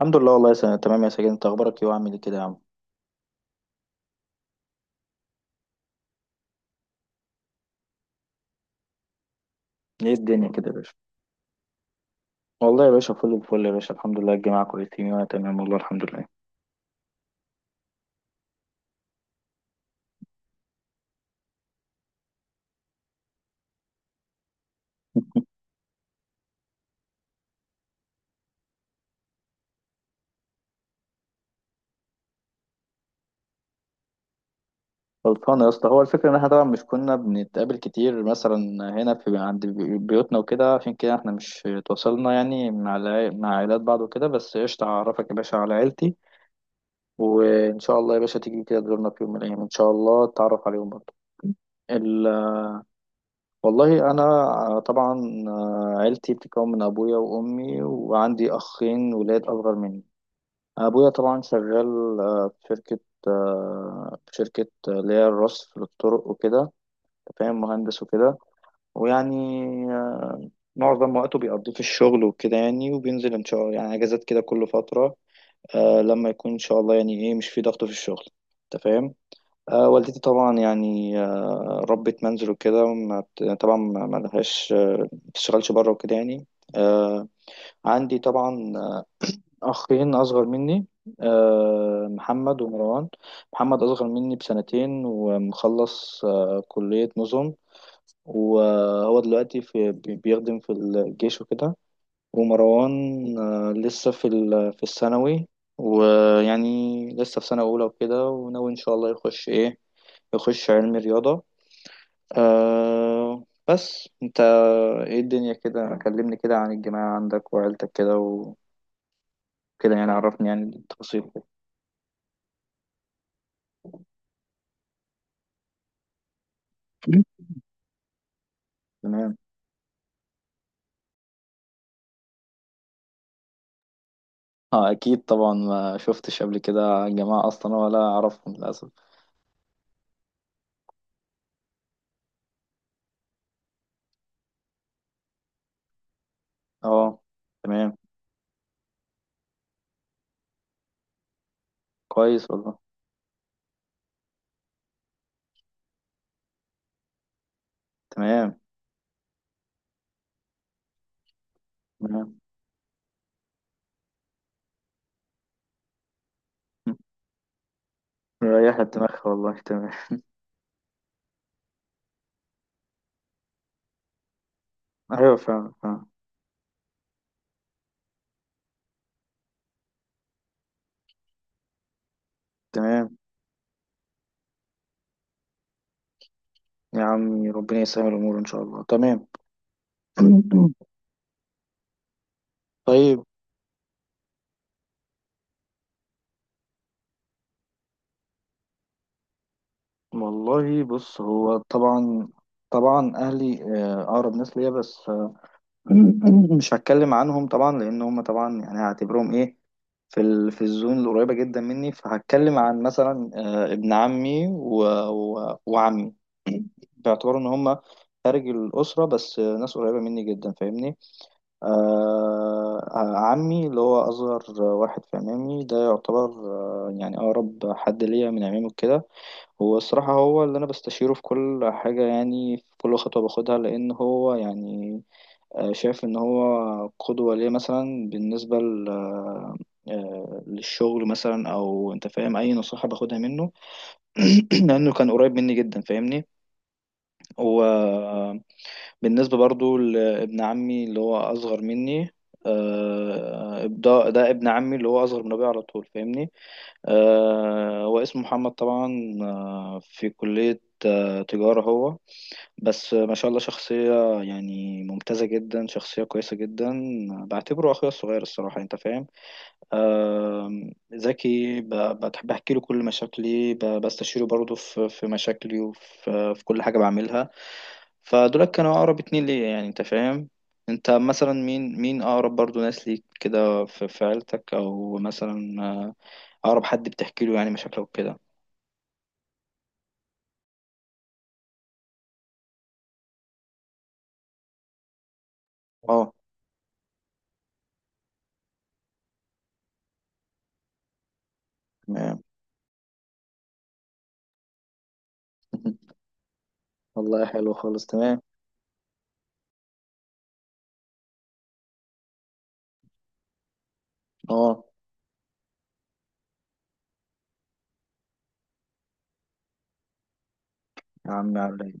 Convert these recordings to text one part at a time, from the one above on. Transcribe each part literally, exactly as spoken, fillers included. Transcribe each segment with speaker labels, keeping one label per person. Speaker 1: الحمد لله، والله يا سنة تمام يا سجين، انت اخبارك ايه وعامل ايه كده يا عم؟ ايه الدنيا كده يا باشا؟ والله يا باشا فل الفل يا باشا، الحمد لله الجماعة كويسين وانا تمام والله الحمد لله. غلطان يا اسطى، هو الفكرة ان احنا طبعا مش كنا بنتقابل كتير مثلا هنا في عند بي- بيوتنا وكده، عشان كده احنا مش تواصلنا يعني مع الع- مع عائلات بعض وكده، بس قشطة هعرفك يا باشا على عيلتي، وان شاء الله يا باشا تيجي كده تزورنا في يوم من الايام ان شاء الله تتعرف عليهم برضه. والله انا طبعا، آه، عيلتي بتتكون من ابويا وامي وعندي اخين ولاد اصغر مني. ابويا طبعا شغال، آه، في شركه، آه، في شركه آه، اللي هي الرصف للطرق وكده. أنت فاهم، مهندس وكده. ويعني آه، معظم وقته بيقضيه في الشغل وكده يعني، وبينزل ان شاء الله يعني اجازات كده كل فتره، آه، لما يكون ان شاء الله يعني ايه مش في ضغط في الشغل. انت فاهم. آه، والدتي طبعا يعني آه، ربة منزل وكده، ما بت- طبعا ما ما لهاش، آه، ما بتشتغلش بره وكده يعني. آه، عندي طبعا أخين أصغر مني، آه، محمد ومروان. محمد أصغر مني بسنتين، ومخلص آه، كلية نظم، وهو دلوقتي في بي- بيخدم في الجيش وكده. ومروان آه، لسه في ال- في الثانوي، ويعني لسه في سنة أولى وكده، وناوي إن شاء الله يخش إيه، يخش علم رياضة. أه بس انت، ايه الدنيا كده؟ كلمني كده عن الجماعة عندك وعيلتك كده وكده، يعني عرفني يعني التفاصيل كده. تمام. اه اكيد طبعا، ما شفتش قبل كده الجماعة اصلا ولا اعرفهم للاسف. اه. تمام. كويس والله. تمام. تمام. مريحة دماغها والله، تمام. ايوه فعلا فعلا. تمام. يا عمي ربنا يسهل الامور ان شاء الله، تمام. طيب. والله بص، هو طبعا، طبعا اهلي آه، اقرب ناس ليا، بس آه، مش هتكلم عنهم طبعا لان هم طبعا يعني هعتبرهم ايه، في ال... في الزون القريبه جدا مني، فهتكلم عن مثلا آه، ابن عمي و... و... وعمي، باعتبار ان هم خارج الاسره، بس آه، ناس قريبه مني جدا فاهمني. آه... آه، عمي اللي هو اصغر واحد في عمامي ده يعتبر آه، يعني اقرب حد ليا من عمامي وكده. هو الصراحة هو اللي أنا بستشيره في كل حاجة، يعني في كل خطوة باخدها، لأن هو يعني آه، شايف إن هو قدوة ليه مثلا، بالنسبة ل- آه، آه، للشغل مثلا، أو أنت فاهم أي نصيحة باخدها منه. لأنه كان قريب مني جدا فاهمني هو. بالنسبة برضو لابن عمي اللي هو أصغر مني، آه، ده ده ابن عمي اللي هو أصغر من أبويا على طول فاهمني. آه، هو اسمه محمد طبعا، آه، في كلية آه، تجارة هو، بس آه، ما شاء الله شخصية يعني ممتازة جدا، شخصية كويسة جدا. بعتبره أخويا الصغير الصراحة، أنت فاهم. آم، ذكي، ب- بحب احكي له كل مشاكلي، ب- بستشيره برضه في في مشاكلي، وفي في كل حاجه بعملها. فدول كانوا اقرب اتنين ليا يعني، انت فاهم. انت مثلا مين مين اقرب برضه ناس ليك كده في في عيلتك، او مثلا آه، اقرب حد بتحكي له يعني مشاكلك وكده. اه. تمام. والله حلو خالص، تمام. اه يا عم علي.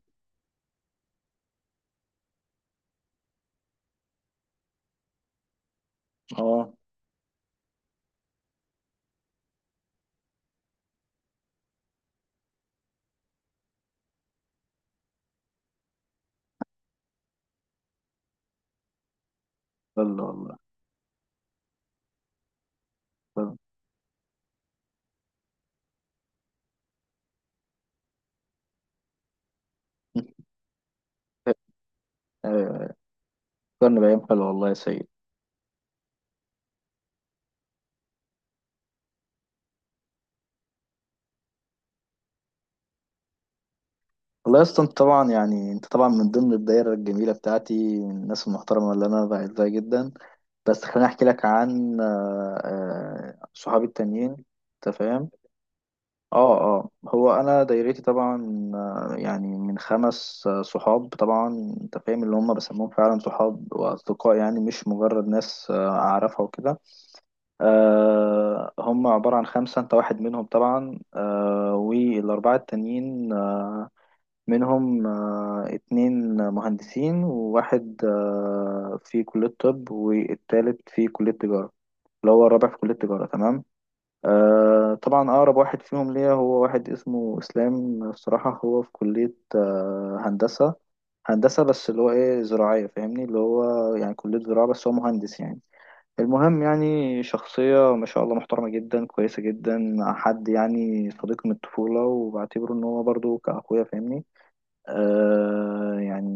Speaker 1: اه يلا والله. يلا. ايوه أيوة. فكرني بايام حلوه والله يا سيد. والله يا اسطى، انت طبعا يعني انت طبعا من ضمن الدايره الجميله بتاعتي من الناس المحترمه اللي انا بعزها جدا، بس خليني احكي لك عن آه، آه، صحابي التانيين. انت فاهم. اه اه هو انا دايرتي طبعا آه، يعني من خمس آه، صحاب طبعا. انت فاهم، اللي هم بسموهم فعلا صحاب واصدقاء، يعني مش مجرد ناس آه، اعرفها وكده. آه، هم عباره عن خمسه، انت واحد منهم طبعا، آه، والاربعه التانيين آه، منهم آه، اتنين مهندسين، وواحد آه، في كلية طب، والتالت في كلية تجارة، اللي هو الرابع في كلية تجارة. تمام. آه، طبعا أقرب واحد فيهم ليا هو واحد اسمه إسلام، الصراحة هو في كلية آه، هندسة هندسة بس اللي هو إيه، زراعية فاهمني، اللي هو يعني كلية زراعة، بس هو مهندس يعني. المهم يعني شخصية ما شاء الله محترمة جدا كويسة جدا، حد يعني صديق من الطفولة، وبعتبره إن هو برضه كأخويا فاهمني. آه يعني،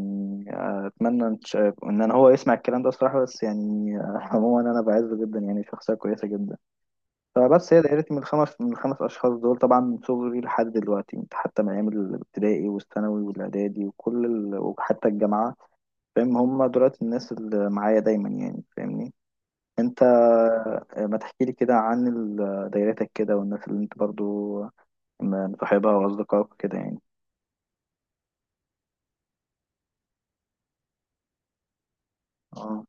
Speaker 1: آه، اتمنى ان ش- إن انا هو يسمع الكلام ده الصراحه، بس يعني آه، عموما انا بعزه جدا يعني، شخصيه كويسه جدا. فبس هي دايرتي من الخمس من الخمس اشخاص دول طبعا، من صغري لحد دلوقتي حتى من ايام الابتدائي والثانوي والاعدادي وكل ال... وحتى الجامعه. فاهم، هم دلوقتي الناس اللي معايا دايما يعني فاهمني. انت آه، ما تحكي لي كده عن ال- دايرتك كده، والناس اللي انت برضو مصاحبها واصدقائك كده يعني. اه.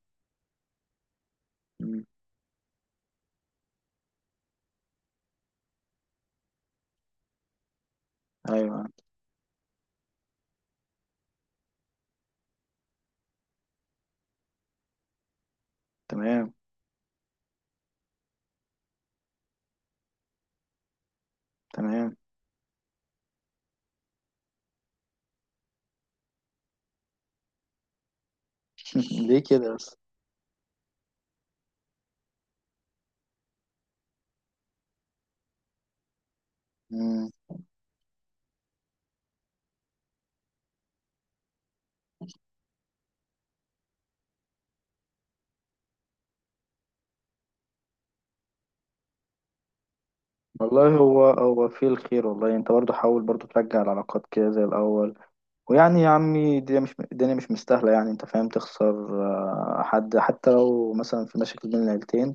Speaker 1: أمم. ايوه. تمام. تمام. ليه كده بس؟ مم. والله هو هو فيه الخير، والله انت برضه حاول برضه ترجع العلاقات كده زي الاول. ويعني يا عمي الدنيا مش، الدنيا مش مستاهله يعني انت فاهم تخسر آه، حد، حتى لو مثلا في مشاكل بين العيلتين.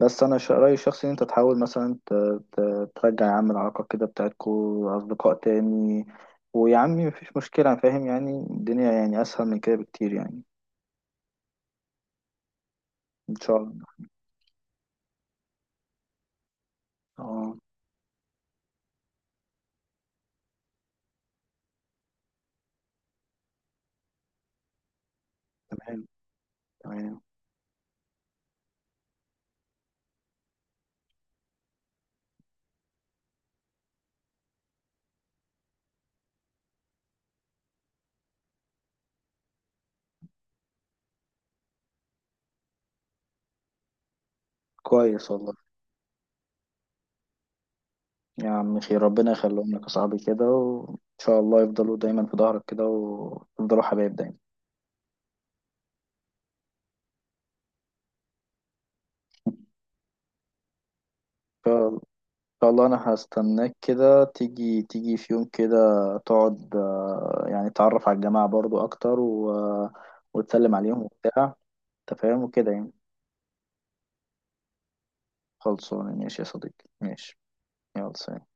Speaker 1: بس انا ش- رايي الشخصي ان انت تحاول مثلا ت- ت- ترجع يا عم العلاقات كده بتاعتكو اصدقاء تاني. ويا عمي مفيش مشكله، أنا فاهم يعني، الدنيا يعني اسهل من كده بكتير يعني. ان شاء الله. اه. تمام. تمام. كويس والله. يا عم خير، ربنا يخليهم لك يا صاحبي كده، وإن شاء الله يفضلوا دايما في ظهرك كده، ويفضلوا حبايب دايما إن شاء إن شاء الله. أنا هستناك كده تيجي تيجي في يوم كده، تقعد آه، يعني تعرف على الجماعة برضو أكتر و... وتسلم عليهم وبتاع. أنت فاهم وكده يعني. خلصانة ماشي يا صديقي، ماشي. يلا سلام.